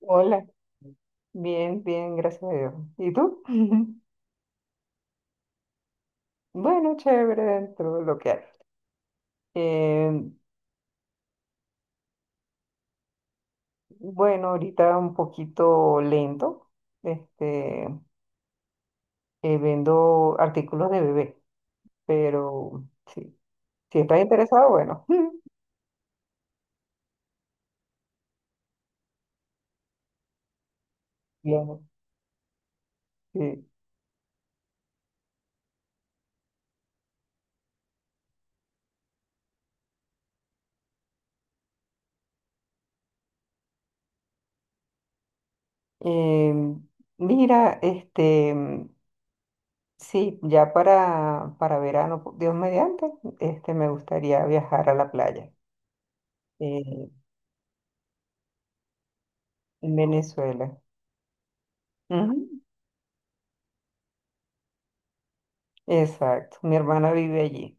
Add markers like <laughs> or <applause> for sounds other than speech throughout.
Hola, bien, bien, gracias a Dios. ¿Y tú? <laughs> Bueno, chévere dentro de lo que hay. Eh, bueno, ahorita un poquito lento, este, vendo artículos de bebé, pero sí, si estás interesado, bueno, <laughs> bien, sí. Eh, mira, sí, ya para verano, por Dios mediante, me gustaría viajar a la playa, eh, en Venezuela. Ujú. Exacto, mi hermana vive allí.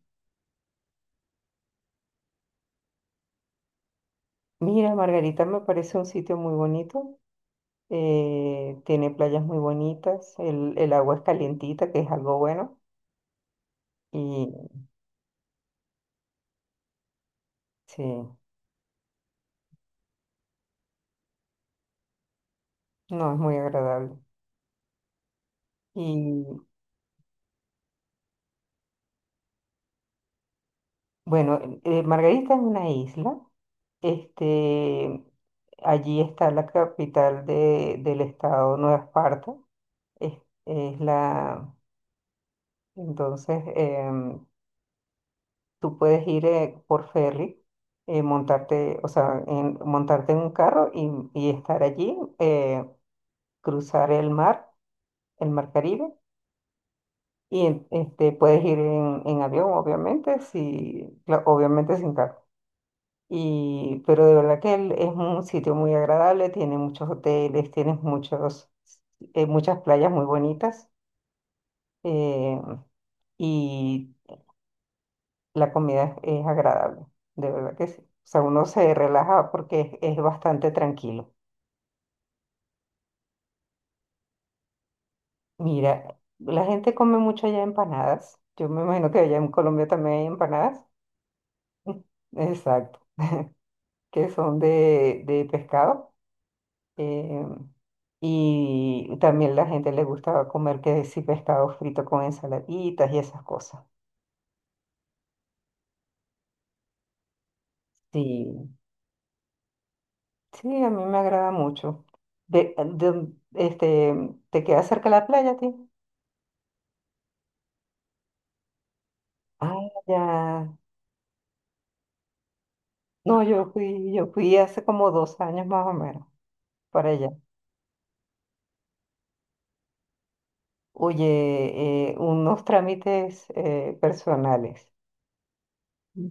Mira, Margarita me parece un sitio muy bonito, tiene playas muy bonitas, el agua es calientita, que es algo bueno, y sí, no, es muy agradable. Y bueno, Margarita es una isla, este, allí está la capital del estado Nueva Esparta, es, es la, entonces, tú puedes ir por ferry, montarte, o sea, montarte en un carro y estar allí, cruzar el mar Caribe, y puedes ir en avión, obviamente, si, obviamente sin carro. Y, pero de verdad que es un sitio muy agradable, tiene muchos hoteles, tienes muchos, muchas playas muy bonitas. eh, y la comida es agradable, de verdad que sí. O sea, uno se relaja porque es bastante tranquilo. Mira, la gente come mucho allá empanadas. Yo me imagino que allá en Colombia también hay empanadas. <laughs> Exacto, que son de pescado. eh, y también la gente le gusta comer que sí pescado frito con ensaladitas y esas cosas. Sí, sí, a mí me agrada mucho. De, ¿te queda cerca la playa, a ti? Ah, ya. No, yo fui hace como 2 años más o menos para allá. Oye, unos trámites personales. Mm.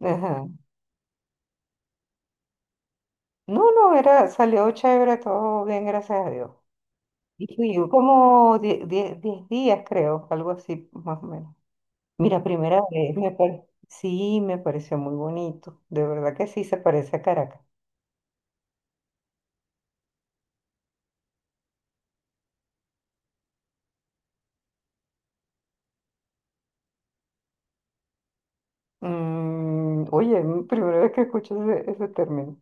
Ajá. No, no, era, salió chévere, todo bien, gracias a Dios. Y fui como 10 días, creo, algo así, más o menos. Mira, primera vez, sí, me pareció muy bonito, de verdad que sí, se parece a Caracas. Mm, oye, primera vez que escucho ese, ese término.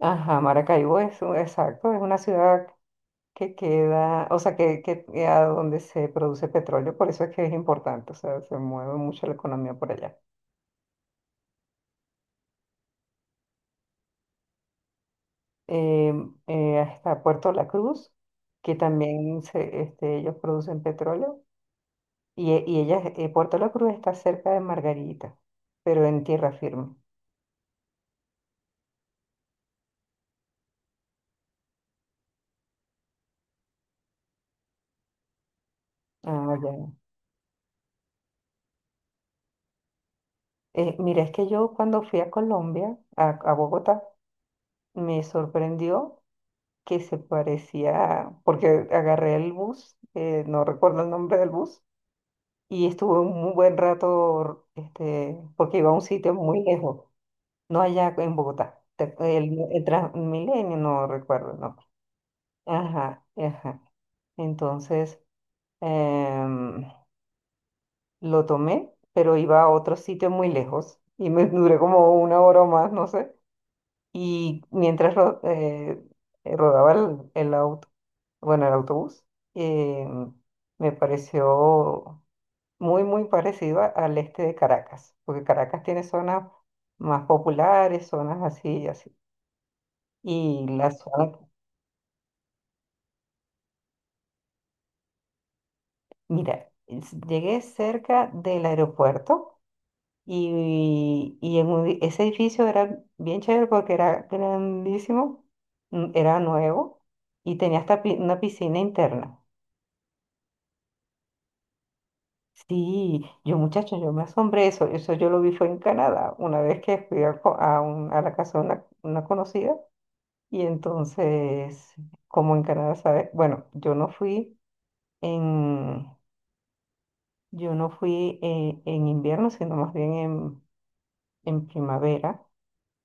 Ajá, Maracaibo es, exacto, es una ciudad que queda, o sea, que a donde se produce petróleo, por eso es que es importante, o sea, se mueve mucho la economía por allá. Eh, Hasta Puerto La Cruz, que también se, ellos producen petróleo, y, y ella, Puerto La Cruz está cerca de Margarita, pero en tierra firme. Ah, ya. Mira, es que yo cuando fui a Colombia, a Bogotá, me sorprendió que se parecía, porque agarré el bus, no recuerdo el nombre del bus, y estuve un buen rato porque iba a un sitio muy lejos, no allá en Bogotá, el Transmilenio, no recuerdo el nombre. Ajá, ajá. Entonces, em, lo tomé, pero iba a otro sitio muy lejos y me <laughs> duré como 1 hora o más, no sé. Y mientras rodaba el auto, bueno, el autobús, em, me pareció muy, muy parecida al este de Caracas, porque Caracas tiene zonas más populares, zonas así y así. Y la zona, mira, llegué cerca del aeropuerto y en ese edificio era bien chévere porque era grandísimo, mm, era nuevo y tenía hasta una piscina interna. Sí, yo muchacho, yo me asombré eso, eso yo lo vi fue en Canadá, una vez que fui a, a a la casa de una conocida. Y entonces, como en Canadá, ¿sabes? Bueno, yo no fui en, yo no fui invierno, sino más bien en primavera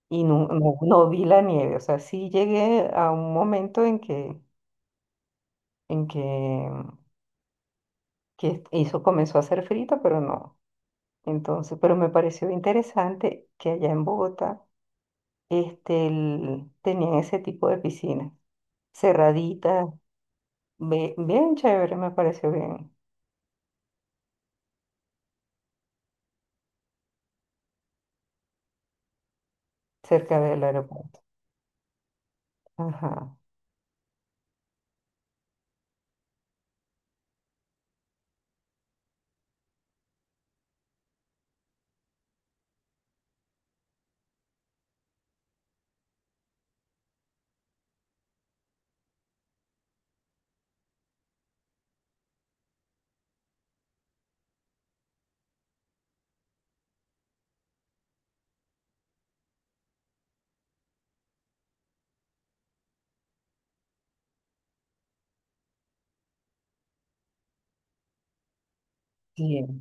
y no, no, no vi la nieve. O sea, sí llegué a un momento en que, que hizo, comenzó a hacer frío, pero no. Entonces, pero me pareció interesante que allá en Bogotá tenían ese tipo de piscinas cerraditas, bien chévere, me pareció bien. Cerca del aeropuerto. Ajá. Sí,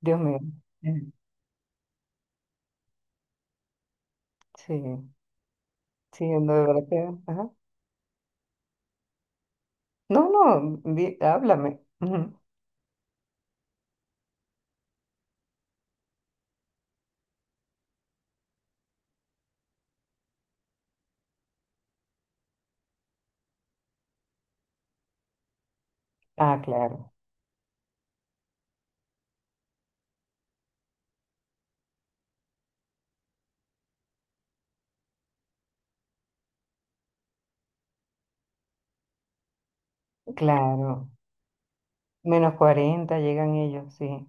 Dios mío. Mm. Sí, sí, no, de verdad que. Ajá. No, no, háblame. Ujú. Ah, claro, claro. Menos 40 llegan ellos, sí.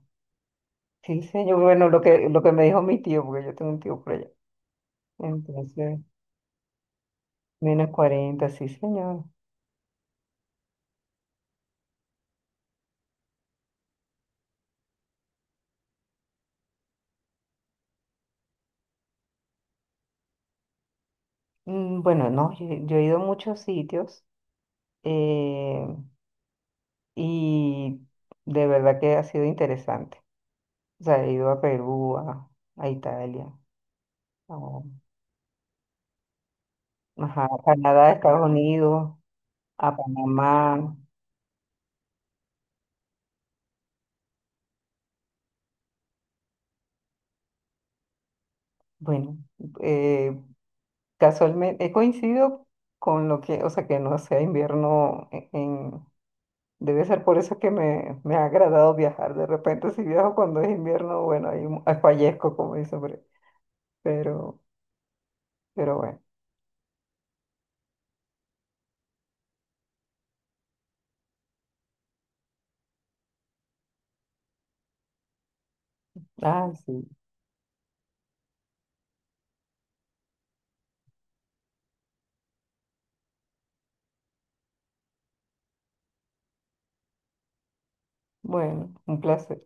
Sí, señor. Bueno, lo que me dijo mi tío, porque yo tengo un tío por allá. Entonces, menos 40, sí, señor. Mm, bueno, no, yo he ido a muchos sitios, eh, y de verdad que ha sido interesante. O sea, he ido a Perú, a Italia, oh, ajá, Canadá, Estados Unidos, a Panamá. Bueno, eh, casualmente he coincidido con lo que, o sea, que no sea invierno debe ser por eso que me ha agradado viajar. De repente, si viajo cuando es invierno, bueno, ahí ahí <laughs> fallezco, como dice, hombre. Pero, pero bueno. Ah, sí. Bueno, un placer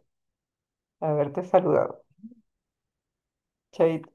haberte saludado. Chaito.